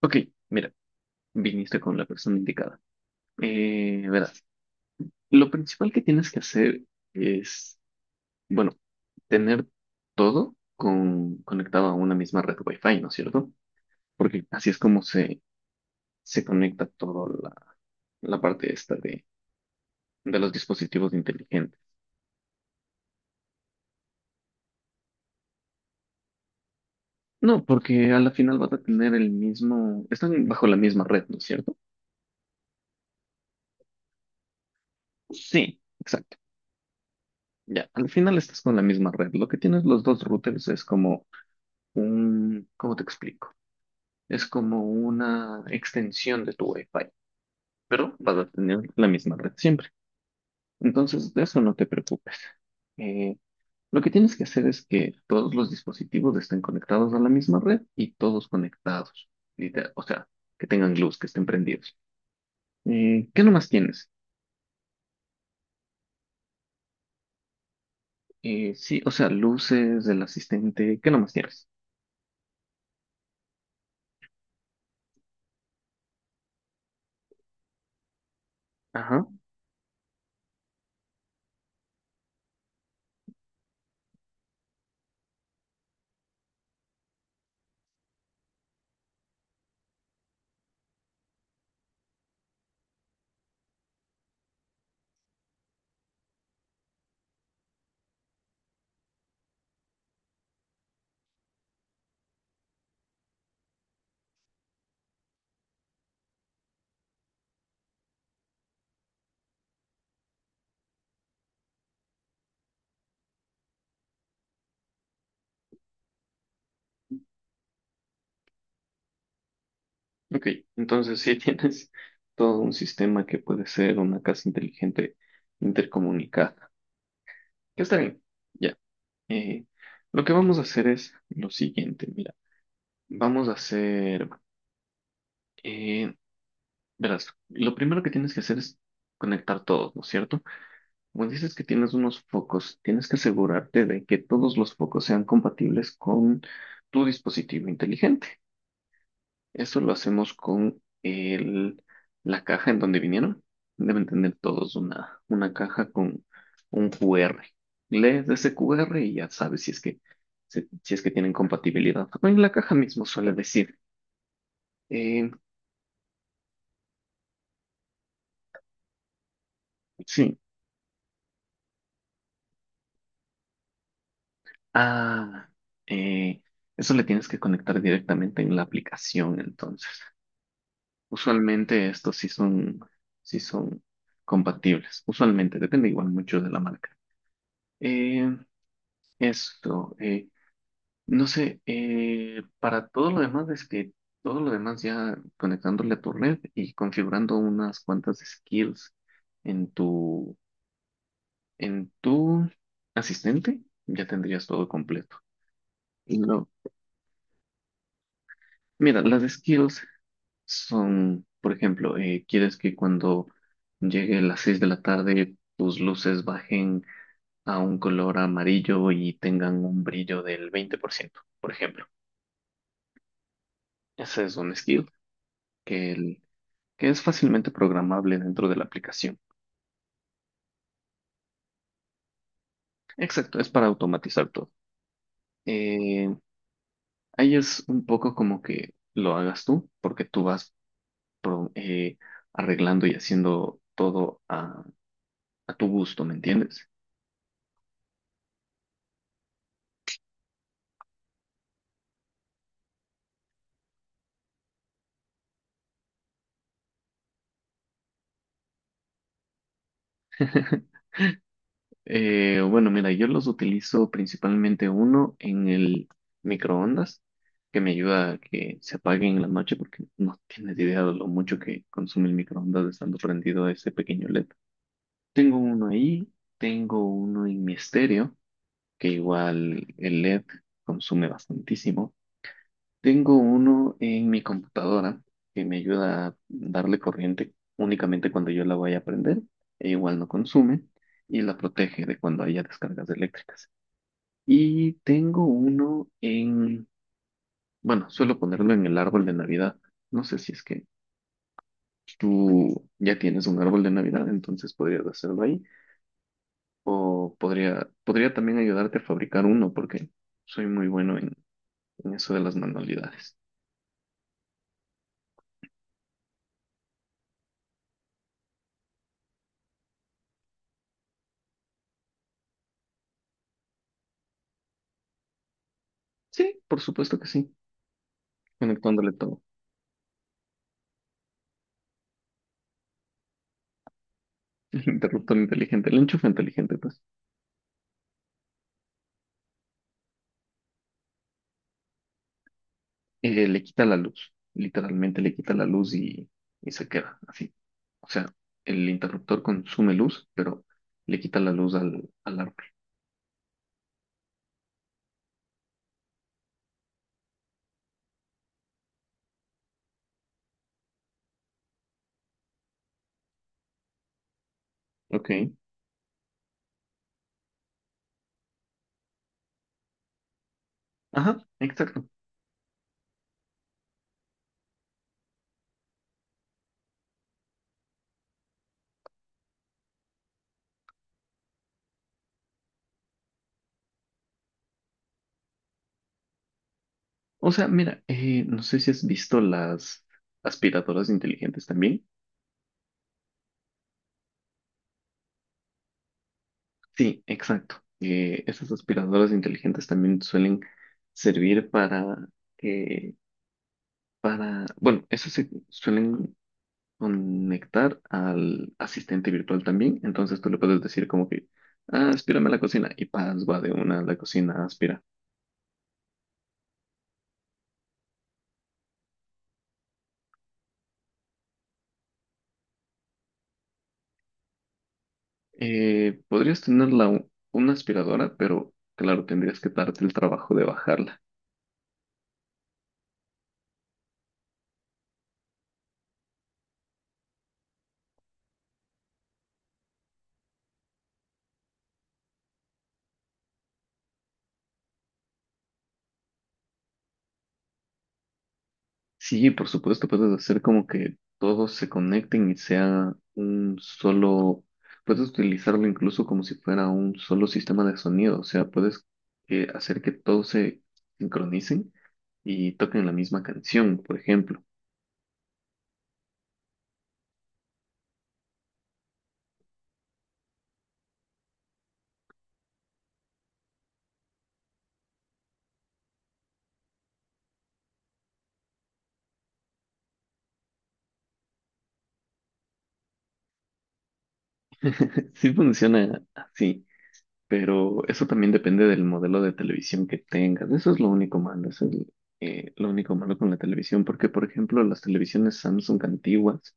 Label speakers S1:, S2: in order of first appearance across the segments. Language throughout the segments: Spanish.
S1: Ok, mira, viniste con la persona indicada. Verás, lo principal que tienes que hacer es, bueno, tener todo conectado a una misma red Wi-Fi, ¿no es cierto? Porque así es como se conecta toda la parte esta de los dispositivos inteligentes. No, porque a la final vas a tener el mismo, están bajo la misma red, ¿no es cierto? Sí, exacto. Ya, al final estás con la misma red. Lo que tienes los dos routers es como ¿cómo te explico? Es como una extensión de tu Wi-Fi, pero vas a tener la misma red siempre. Entonces, de eso no te preocupes. Eh, lo que tienes que hacer es que todos los dispositivos estén conectados a la misma red y todos conectados, literal, o sea, que tengan luz, que estén prendidos. ¿Qué nomás tienes? Sí, o sea, luces, el asistente, ¿qué nomás tienes? Ajá, ok. Entonces, sí tienes todo un sistema que puede ser una casa inteligente intercomunicada. Que está bien. Ya. Eh, lo que vamos a hacer es lo siguiente, mira, vamos a hacer, eh, verás, lo primero que tienes que hacer es conectar todos, ¿no es cierto? Como dices que tienes unos focos, tienes que asegurarte de que todos los focos sean compatibles con tu dispositivo inteligente. Eso lo hacemos con la caja en donde vinieron. Deben tener todos una caja con un QR. Lees ese QR y ya sabes si es que tienen compatibilidad. O en la caja mismo suele decir. eh, sí. Ah, eh, Eso le tienes que conectar directamente en la aplicación, entonces. Usualmente estos sí son compatibles. Usualmente, depende igual mucho de la marca. Eh, esto. No sé, para todo lo demás es que todo lo demás ya conectándole a tu red y configurando unas cuantas skills en tu asistente, ya tendrías todo completo. Y lo- Mira, las skills son, por ejemplo, quieres que cuando llegue las 6 de la tarde tus luces bajen a un color amarillo y tengan un brillo del 20%, por ciento, por ejemplo. Ese es un skill que el que es fácilmente programable dentro de la aplicación. Exacto, es para automatizar todo. Eh, Ahí es un poco como que lo hagas tú, porque tú vas pro- eh, arreglando y haciendo todo a tu gusto, ¿me entiendes? Bueno, mira, yo los utilizo principalmente uno en el microondas, que me ayuda a que se apague en la noche, porque no tienes idea de lo mucho que consume el microondas estando prendido ese pequeño LED. Tengo uno ahí, tengo uno en mi estéreo, que igual el LED consume bastantísimo. Tengo uno en mi computadora, que me ayuda a darle corriente únicamente cuando yo la voy a prender, e igual no consume, y la protege de cuando haya descargas eléctricas. Y tengo uno bueno, suelo ponerlo en el árbol de Navidad. No sé si es que tú ya tienes un árbol de Navidad, entonces podrías hacerlo ahí. O podría también ayudarte a fabricar uno, porque soy muy bueno en eso de las manualidades. Sí, por supuesto que sí. Conectándole todo. El interruptor inteligente, el enchufe inteligente, pues. Le quita la luz. Literalmente le quita la luz y se queda así. O sea, el interruptor consume luz, pero le quita la luz al árbol. Ok. Ajá, exacto. O sea, mira, no sé si has visto las aspiradoras inteligentes también. Sí, exacto. Esas aspiradoras inteligentes también suelen servir para que, bueno, esas se suelen conectar al asistente virtual también. Entonces tú le puedes decir como que, ah, aspírame a la cocina y paz, va de una a la cocina, a aspirar. Podrías tener una aspiradora, pero claro, tendrías que darte el trabajo de bajarla. Sí, por supuesto, puedes hacer como que todos se conecten y sea un solo, puedes utilizarlo incluso como si fuera un solo sistema de sonido, o sea, puedes hacer que todos se sincronicen y toquen la misma canción, por ejemplo. Sí funciona así, pero eso también depende del modelo de televisión que tengas. Eso es lo único malo, eso es lo único malo con la televisión, porque por ejemplo las televisiones Samsung antiguas,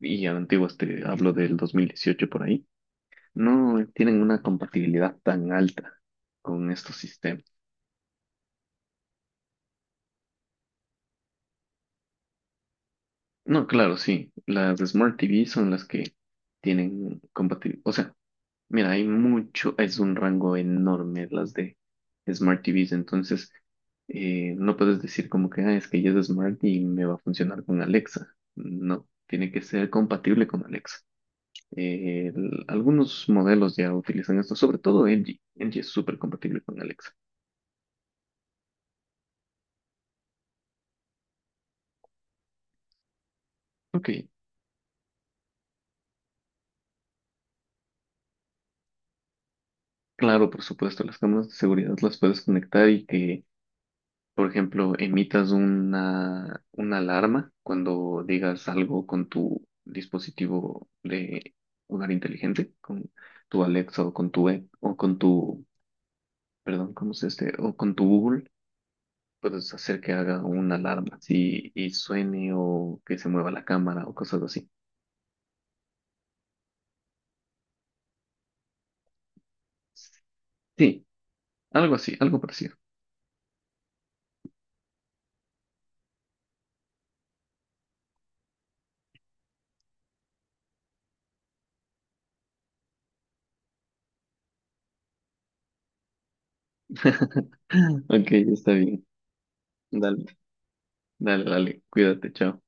S1: y antiguas te hablo del 2018 por ahí, no tienen una compatibilidad tan alta con estos sistemas. No, claro, sí, las Smart TV son las que tienen compatibilidad. O sea, mira, hay mucho, es un rango enorme las de Smart TVs, entonces no puedes decir como que, ah, es que ya es Smart y me va a funcionar con Alexa. No, tiene que ser compatible con Alexa. Algunos modelos ya utilizan esto, sobre todo LG. LG es súper compatible con Alexa. Ok, claro, por supuesto, las cámaras de seguridad las puedes conectar y que, por ejemplo, emitas una alarma cuando digas algo con tu dispositivo de hogar inteligente, con tu Alexa o con tu, o con tu, perdón, ¿cómo se dice? O con tu Google, puedes hacer que haga una alarma, sí, y suene o que se mueva la cámara o cosas así. Sí, algo así, algo parecido. Ok, está bien. Dale, dale, dale, cuídate, chao.